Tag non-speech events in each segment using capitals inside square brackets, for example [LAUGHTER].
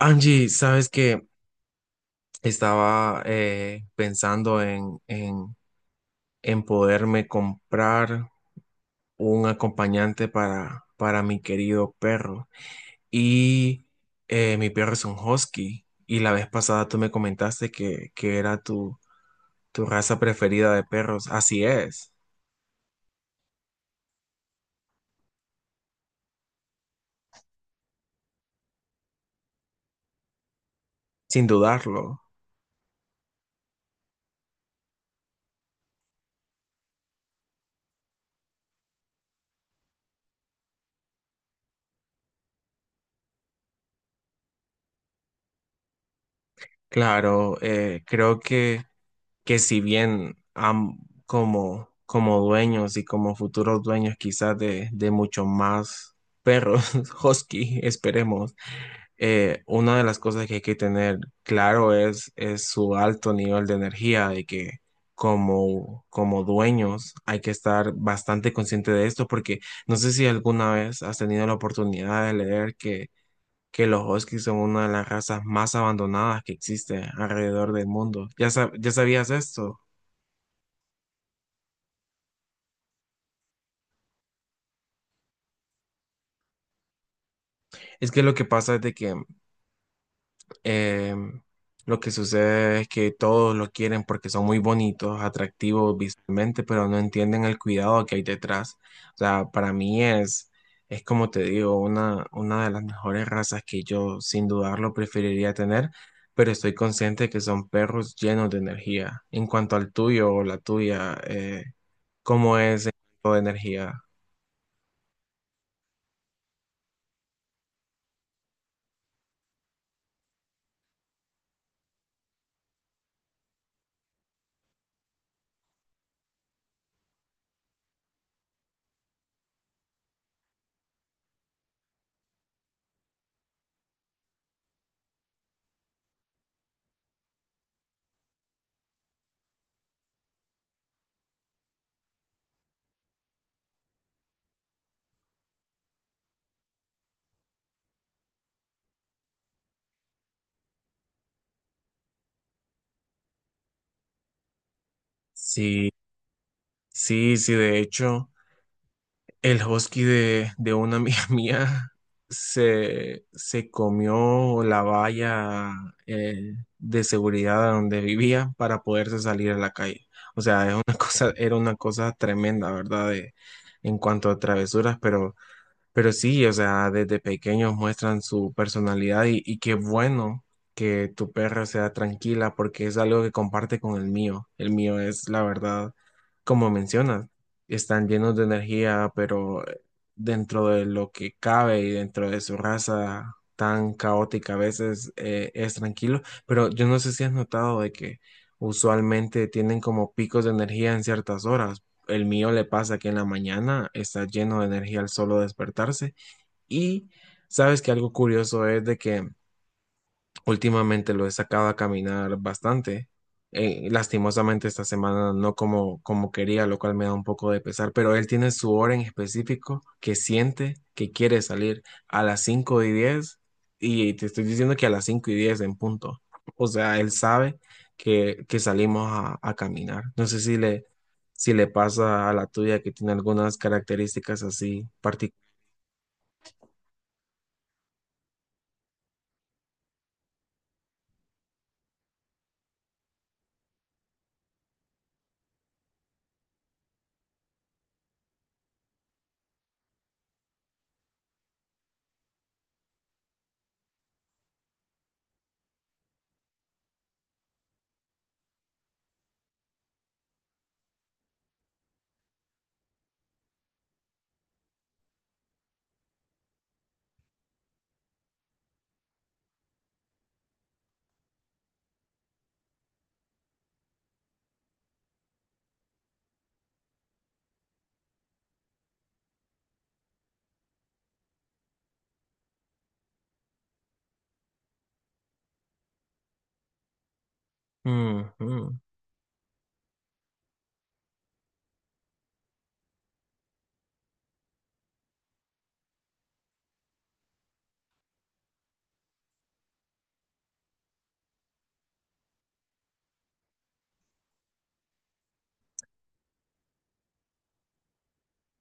Angie, sabes que estaba pensando en poderme comprar un acompañante para mi querido perro. Y mi perro es un husky. Y la vez pasada tú me comentaste que era tu raza preferida de perros. Así es, sin dudarlo. Claro, creo que si bien como dueños y como futuros dueños quizás de mucho más perros, [LAUGHS] husky, esperemos, una de las cosas que hay que tener claro es su alto nivel de energía, de que como dueños hay que estar bastante consciente de esto, porque no sé si alguna vez has tenido la oportunidad de leer que los huskies son una de las razas más abandonadas que existe alrededor del mundo. Ya sabías esto? Es que lo que pasa es de que Eh, lo que sucede es que todos lo quieren porque son muy bonitos, atractivos visualmente, pero no entienden el cuidado que hay detrás. O sea, para mí es como te digo, una de las mejores razas que yo sin dudarlo preferiría tener, pero estoy consciente que son perros llenos de energía. En cuanto al tuyo o la tuya, ¿cómo es el tipo de energía? Sí, sí, sí, de hecho. El husky de una amiga [LAUGHS] mía se comió la valla de seguridad donde vivía para poderse salir a la calle. O sea, es una [LAUGHS] cosa, era una cosa tremenda, ¿verdad? En cuanto a travesuras, pero sí, o sea, desde pequeños muestran su personalidad y qué bueno que tu perro sea tranquila porque es algo que comparte con el mío. El mío es, la verdad, como mencionas, están llenos de energía, pero dentro de lo que cabe y dentro de su raza tan caótica a veces es tranquilo. Pero yo no sé si has notado de que usualmente tienen como picos de energía en ciertas horas. El mío le pasa que en la mañana está lleno de energía al solo despertarse. Y sabes que algo curioso es de que últimamente lo he sacado a caminar bastante. Lastimosamente esta semana no como quería, lo cual me da un poco de pesar, pero él tiene su hora en específico que siente que quiere salir a las 5 y 10 y te estoy diciendo que a las 5 y 10 en punto. O sea, él sabe que salimos a caminar. No sé si si le pasa a la tuya que tiene algunas características así particulares.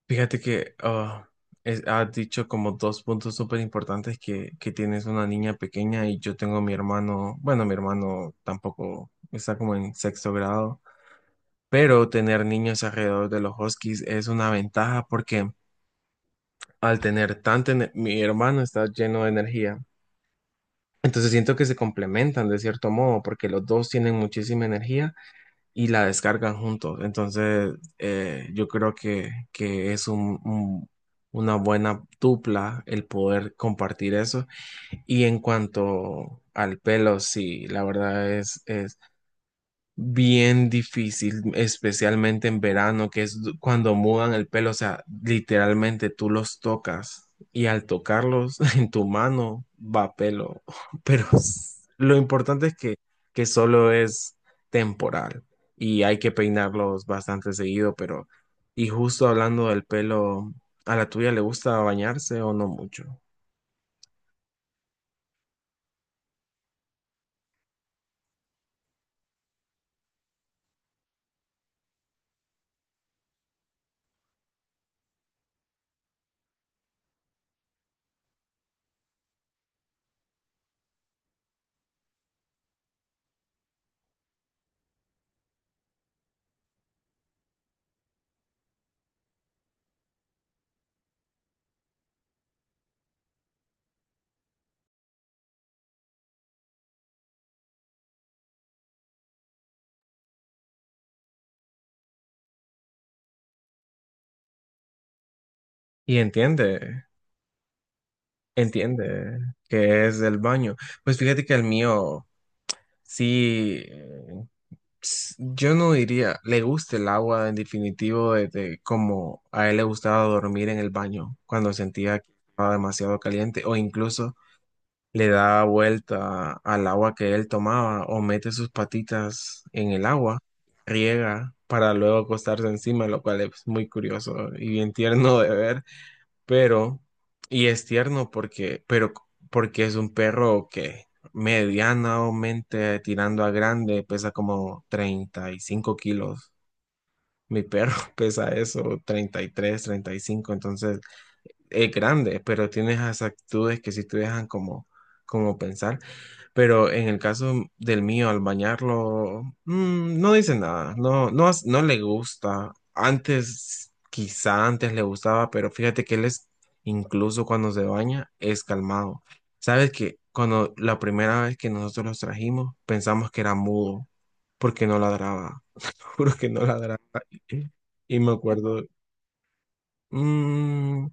Fíjate que has dicho como dos puntos súper importantes que tienes una niña pequeña y yo tengo mi hermano, bueno, mi hermano tampoco está como en sexto grado, pero tener niños alrededor de los huskies es una ventaja porque al tener tanta, mi hermano está lleno de energía, entonces siento que se complementan de cierto modo porque los dos tienen muchísima energía y la descargan juntos. Entonces, yo creo que es una buena dupla el poder compartir eso. Y en cuanto al pelo, sí, la verdad es bien difícil, especialmente en verano, que es cuando mudan el pelo, o sea, literalmente tú los tocas y al tocarlos [LAUGHS] en tu mano va pelo, [LAUGHS] pero lo importante es que solo es temporal y hay que peinarlos bastante seguido, pero y justo hablando del pelo, ¿a la tuya le gusta bañarse o no mucho? Y entiende, entiende que es el baño. Pues fíjate que el mío... Sí, yo no diría, le gusta el agua en definitivo, desde como a él le gustaba dormir en el baño cuando sentía que estaba demasiado caliente o incluso le daba vuelta al agua que él tomaba o mete sus patitas en el agua, riega para luego acostarse encima, lo cual es muy curioso y bien tierno de ver pero, y es tierno porque, pero porque es un perro que medianamente tirando a grande pesa como 35 kilos. Mi perro [LAUGHS] pesa eso, 30 treinta y tres 35 entonces es grande, pero tiene esas actitudes que sí te dejan como, como pensar. Pero en el caso del mío, al bañarlo, mm, no dice nada, no, no, no le gusta. Antes, quizá antes le gustaba, pero fíjate que él es, incluso cuando se baña, es calmado. Sabes que cuando la primera vez que nosotros los trajimos, pensamos que era mudo, porque no ladraba, [LAUGHS] juro que no ladraba. Y me acuerdo, mm,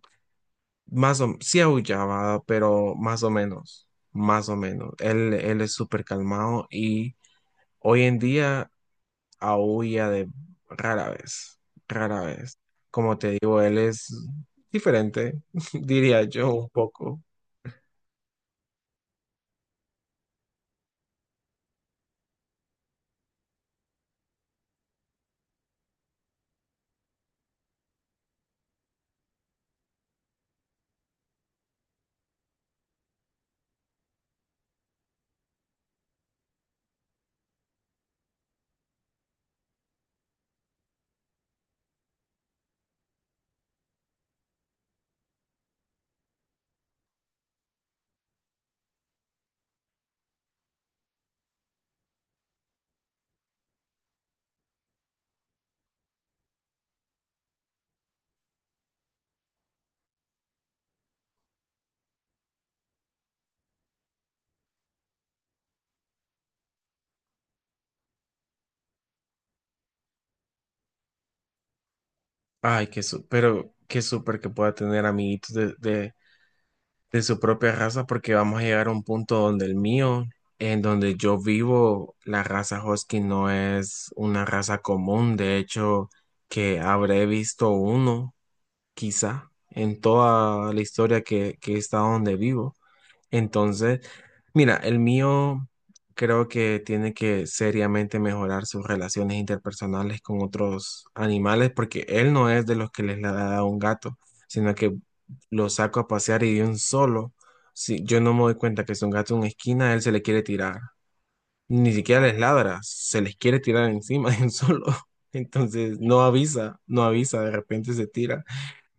más o sí aullaba, pero más o menos, más o menos. Él es súper calmado y... Hoy en día aúlla de rara vez, rara vez. Como te digo, él es diferente, [LAUGHS] diría yo un poco. Ay, pero qué súper que pueda tener amiguitos de su propia raza, porque vamos a llegar a un punto donde el mío, en donde yo vivo, la raza Husky no es una raza común. De hecho, que habré visto uno, quizá, en toda la historia que he estado donde vivo. Entonces, mira, el mío creo que tiene que seriamente mejorar sus relaciones interpersonales con otros animales, porque él no es de los que les la da a un gato, sino que lo saco a pasear y de un solo, si yo no me doy cuenta que es un gato en una esquina, él se le quiere tirar. Ni siquiera les ladra, se les quiere tirar encima de un solo. [LAUGHS] Entonces, no avisa, no avisa, de repente se tira.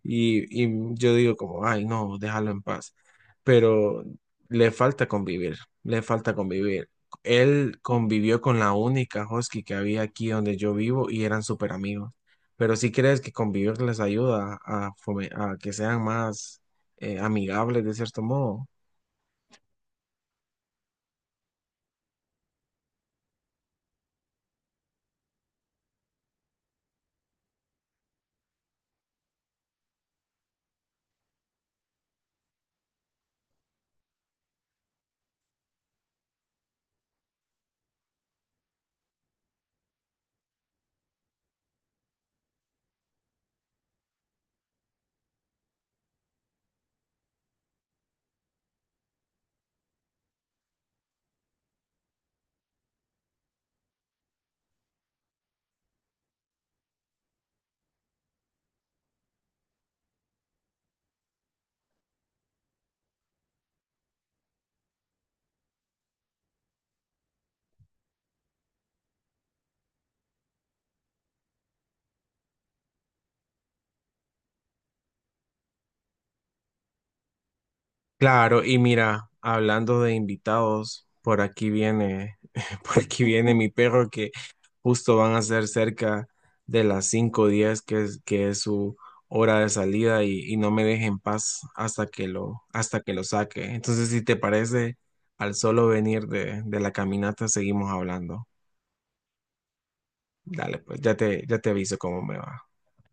Y yo digo como, ay, no, déjalo en paz. Pero le falta convivir, le falta convivir. Él convivió con la única husky que había aquí donde yo vivo y eran súper amigos. Pero si crees que convivir les ayuda a, a que sean más amigables de cierto modo? Claro, y mira, hablando de invitados, por aquí viene, [LAUGHS] por aquí viene mi perro que justo van a ser cerca de las 5:10, que que es su hora de salida y no me deje en paz hasta que lo saque. Entonces, si te parece, al solo venir de la caminata, seguimos hablando. Dale, pues ya te aviso cómo me va.